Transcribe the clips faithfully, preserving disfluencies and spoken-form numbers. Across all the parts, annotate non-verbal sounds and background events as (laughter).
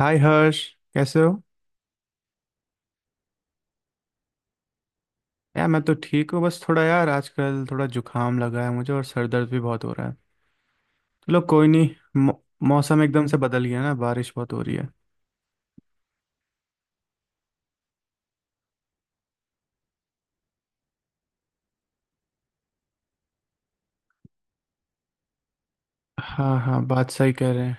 हाय हर्ष। कैसे हो? यार, मैं तो ठीक हूँ। बस थोड़ा यार आजकल थोड़ा जुकाम लगा है मुझे और सर दर्द भी बहुत हो रहा है। चलो कोई नहीं। मौ, मौसम एकदम से बदल गया ना, बारिश बहुत हो रही है। हाँ हाँ, बात सही कह रहे हैं।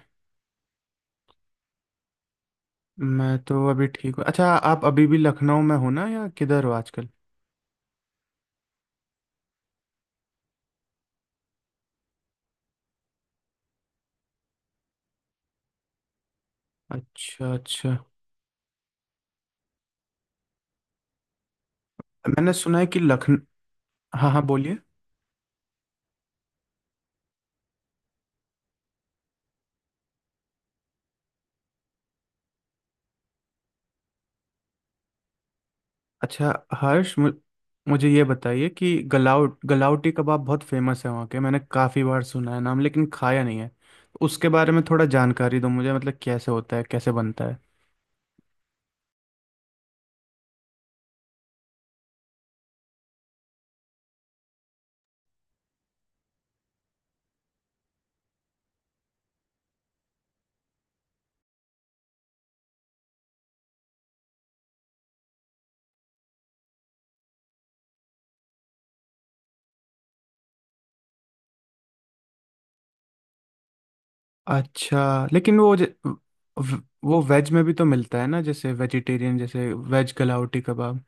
मैं तो अभी ठीक हूँ। अच्छा, आप अभी भी लखनऊ में हो ना, या किधर हो आजकल? अच्छा अच्छा। मैंने सुना है कि लखनऊ। हाँ हाँ, बोलिए। अच्छा हर्ष, मु, मुझे ये बताइए कि गलाउट गलाउटी कबाब बहुत फेमस है वहाँ के। मैंने काफ़ी बार सुना है नाम, लेकिन खाया नहीं है। तो उसके बारे में थोड़ा जानकारी दो मुझे, मतलब कैसे होता है, कैसे बनता है? अच्छा, लेकिन वो ज, व, वो वेज में भी तो मिलता है ना, जैसे वेजिटेरियन, जैसे वेज गलाउटी कबाब?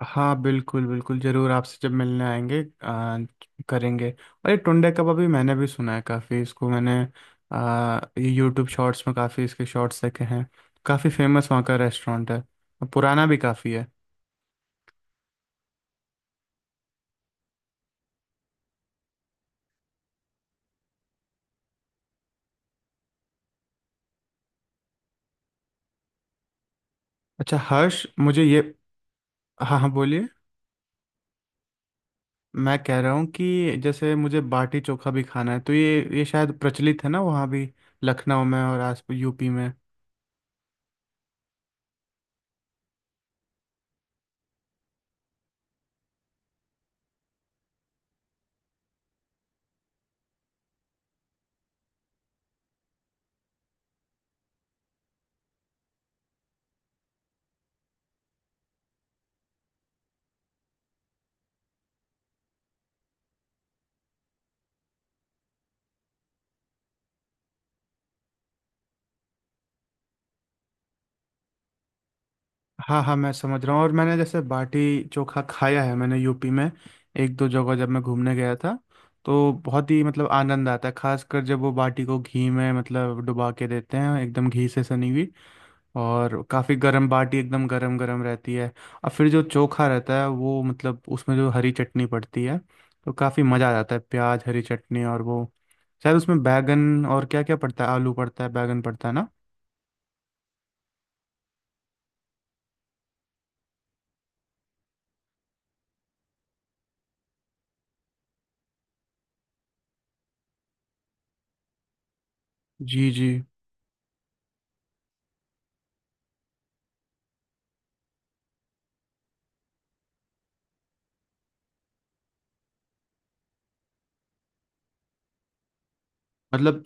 हाँ बिल्कुल बिल्कुल, ज़रूर। आपसे जब मिलने आएंगे आ, करेंगे। और ये टुंडे कबाब भी मैंने भी सुना है, काफ़ी इसको मैंने आ, ये यूट्यूब शॉर्ट्स में काफ़ी इसके शॉर्ट्स देखे हैं। काफ़ी फेमस वहाँ का रेस्टोरेंट है। और पुराना भी काफ़ी है। अच्छा हर्ष, मुझे ये। हाँ हाँ, बोलिए। मैं कह रहा हूँ कि जैसे मुझे बाटी चोखा भी खाना है। तो ये ये शायद प्रचलित है ना वहाँ भी, लखनऊ में और आस यूपी में। हाँ हाँ, मैं समझ रहा हूँ। और मैंने जैसे बाटी चोखा खाया है मैंने, यूपी में एक दो जगह जब मैं घूमने गया था। तो बहुत ही मतलब आनंद आता है, खासकर जब वो बाटी को घी में मतलब डुबा के देते हैं, एकदम घी से सनी हुई। और काफ़ी गर्म बाटी एकदम गरम गरम रहती है। और फिर जो चोखा रहता है वो, मतलब उसमें जो हरी चटनी पड़ती है, तो काफ़ी मज़ा आ जाता है। प्याज, हरी चटनी और वो शायद उसमें बैगन और क्या क्या पड़ता है, आलू पड़ता है, बैगन पड़ता है ना? जी जी। मतलब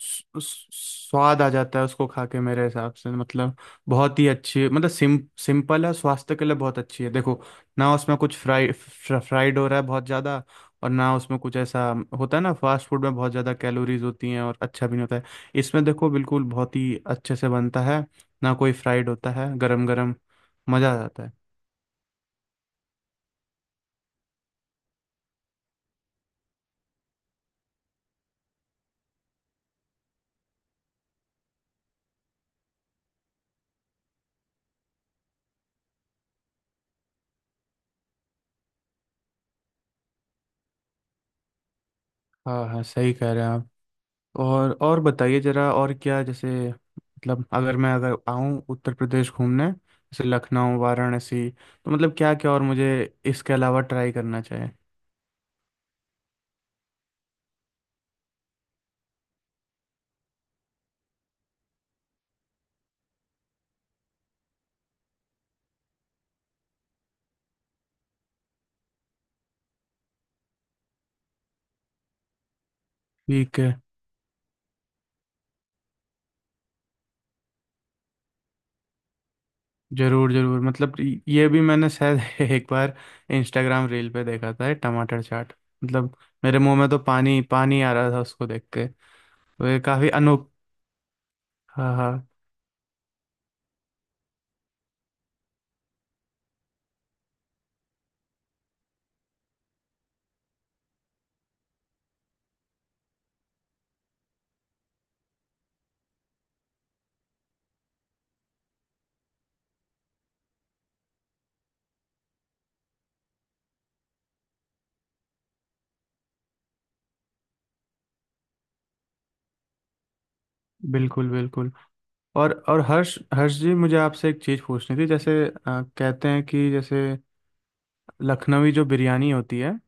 स- स- स्वाद आ जाता है उसको खा के, मेरे हिसाब से मतलब बहुत ही अच्छी, मतलब सिम सिंपल है, स्वास्थ्य के लिए बहुत अच्छी है, देखो। ना उसमें कुछ फ्राई फ्र- फ्राइड हो रहा है बहुत ज़्यादा, और ना उसमें कुछ ऐसा होता है ना, फास्ट फूड में बहुत ज़्यादा कैलोरीज होती हैं और अच्छा भी नहीं होता है। इसमें देखो बिल्कुल बहुत ही अच्छे से बनता है, ना कोई फ्राइड होता है, गरम गरम मज़ा आ जाता है। हाँ हाँ, सही कह रहे हैं आप। और और बताइए जरा, और क्या जैसे मतलब अगर मैं अगर आऊँ उत्तर प्रदेश घूमने, जैसे लखनऊ वाराणसी, तो मतलब क्या क्या और मुझे इसके अलावा ट्राई करना चाहिए? ठीक है। जरूर जरूर, मतलब ये ये भी मैंने शायद (laughs) एक बार इंस्टाग्राम रील पे देखा था, ये टमाटर चाट। मतलब मेरे मुंह में तो पानी पानी आ रहा था उसको देख के। तो ये काफी अनोख। हाँ हाँ, बिल्कुल बिल्कुल। और और हर्ष हर्ष जी, मुझे आपसे एक चीज़ पूछनी थी, जैसे अ, कहते हैं कि जैसे लखनवी जो बिरयानी होती है,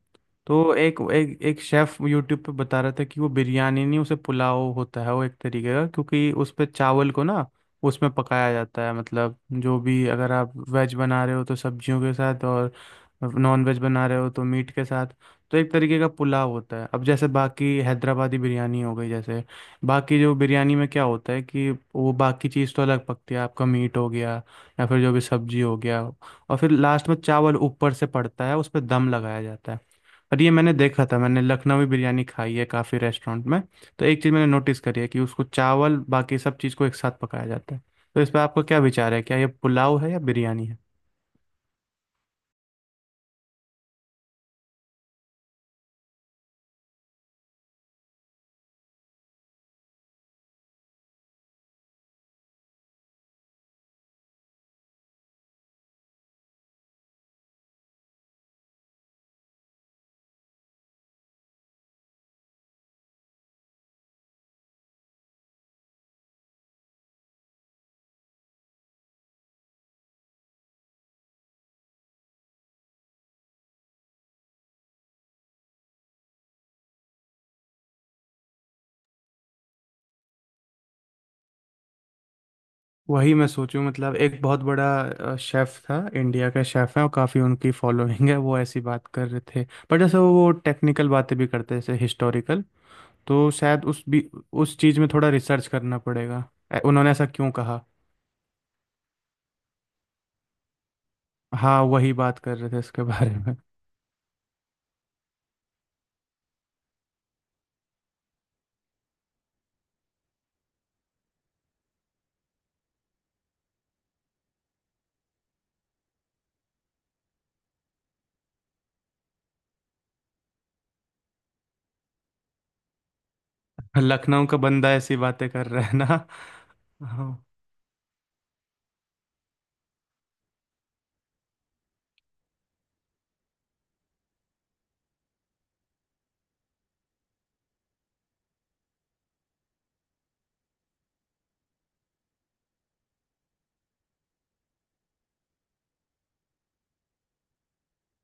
तो एक एक एक शेफ यूट्यूब पे बता रहा था कि वो बिरयानी नहीं, उसे पुलाव होता है वो, एक तरीके का, क्योंकि उस पे चावल को ना उसमें पकाया जाता है, मतलब जो भी अगर आप वेज बना रहे हो तो सब्जियों के साथ, और नॉन वेज बना रहे हो तो मीट के साथ। तो एक तरीके का पुलाव होता है। अब जैसे बाकी हैदराबादी बिरयानी हो गई, जैसे बाकी जो बिरयानी में क्या होता है कि वो बाकी चीज़ तो अलग पकती है, आपका मीट हो गया या फिर जो भी सब्जी हो गया, और फिर लास्ट में चावल ऊपर से पड़ता है, उस पर दम लगाया जाता है। पर ये मैंने देखा था, मैंने लखनवी बिरयानी खाई है काफ़ी रेस्टोरेंट में। तो एक चीज़ मैंने नोटिस करी है कि उसको चावल बाकी सब चीज़ को एक साथ पकाया जाता है। तो इस पर आपका क्या विचार है, क्या ये पुलाव है या बिरयानी है? वही मैं सोचूं, मतलब एक बहुत बड़ा शेफ था, इंडिया का शेफ है और काफ़ी उनकी फॉलोइंग है, वो ऐसी बात कर रहे थे। पर जैसे वो वो टेक्निकल बातें भी करते हैं, जैसे हिस्टोरिकल। तो शायद उस भी उस चीज़ में थोड़ा रिसर्च करना पड़ेगा। ए- उन्होंने ऐसा क्यों कहा? हाँ, वही बात कर रहे थे इसके बारे में। (laughs) लखनऊ का बंदा ऐसी बातें कर रहा है ना। हाँ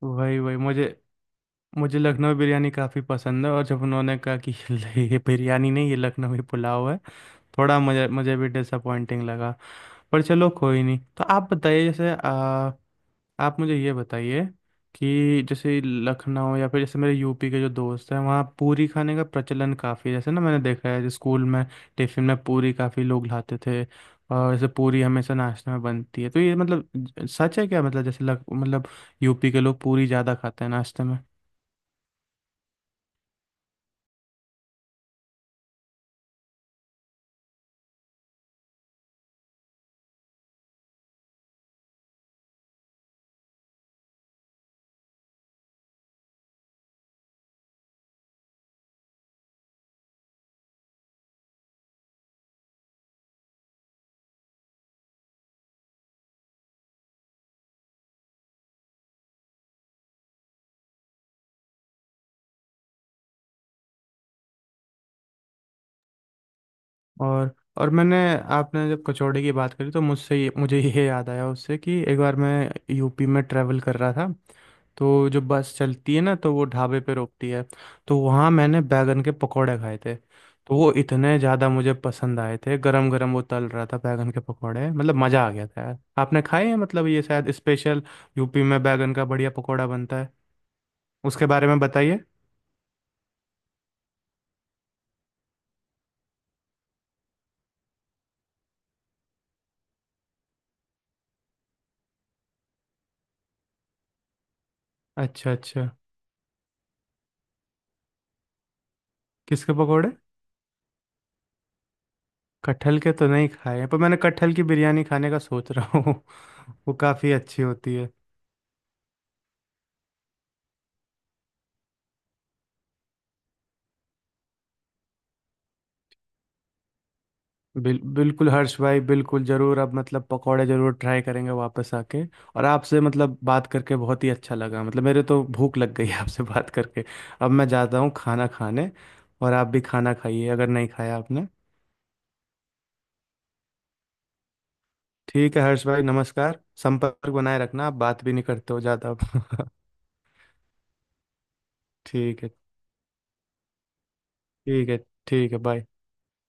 वही वही, मुझे मुझे लखनवी बिरयानी काफ़ी पसंद है, और जब उन्होंने कहा कि (laughs) ये बिरयानी नहीं, ये लखनवी पुलाव है, थोड़ा मुझे मुझे भी डिसअपॉइंटिंग लगा। पर चलो कोई नहीं। तो आप बताइए, जैसे आ, आप मुझे ये बताइए कि जैसे लखनऊ या फिर जैसे मेरे यूपी के जो दोस्त हैं, वहाँ पूरी खाने का प्रचलन काफ़ी है जैसे, ना मैंने देखा है जैसे स्कूल में टिफिन में पूरी काफ़ी लोग लाते थे। और जैसे पूरी हमेशा नाश्ते में बनती है, तो ये मतलब ज- सच है क्या, मतलब जैसे लग, मतलब यूपी के लोग पूरी ज़्यादा खाते हैं नाश्ते में? और और मैंने आपने जब कचौड़ी की बात करी तो मुझसे ये मुझे ये याद आया उससे, कि एक बार मैं यूपी में ट्रैवल कर रहा था। तो जो बस चलती है ना, तो वो ढाबे पे रोकती है। तो वहाँ मैंने बैगन के पकौड़े खाए थे। तो वो इतने ज़्यादा मुझे पसंद आए थे, गरम गरम वो तल रहा था बैगन के पकौड़े, मतलब मज़ा आ गया था यार। आपने खाए हैं? मतलब ये शायद स्पेशल यूपी में बैगन का बढ़िया पकौड़ा बनता है। उसके बारे में बताइए। अच्छा अच्छा। किसके पकौड़े? कटहल के तो नहीं खाए हैं, पर मैंने कटहल की बिरयानी खाने का सोच रहा हूँ। (laughs) वो काफ़ी अच्छी होती है। बिल, बिल्कुल हर्ष भाई, बिल्कुल ज़रूर। अब मतलब पकौड़े ज़रूर ट्राई करेंगे वापस आके। और आपसे मतलब बात करके बहुत ही अच्छा लगा, मतलब मेरे तो भूख लग गई है आपसे बात करके। अब मैं जाता हूँ खाना खाने, और आप भी खाना खाइए अगर नहीं खाया आपने। ठीक है हर्ष भाई, नमस्कार। संपर्क बनाए रखना, आप बात भी नहीं करते हो ज़्यादा। (laughs) ठीक है, ठीक है, ठीक है, बाय।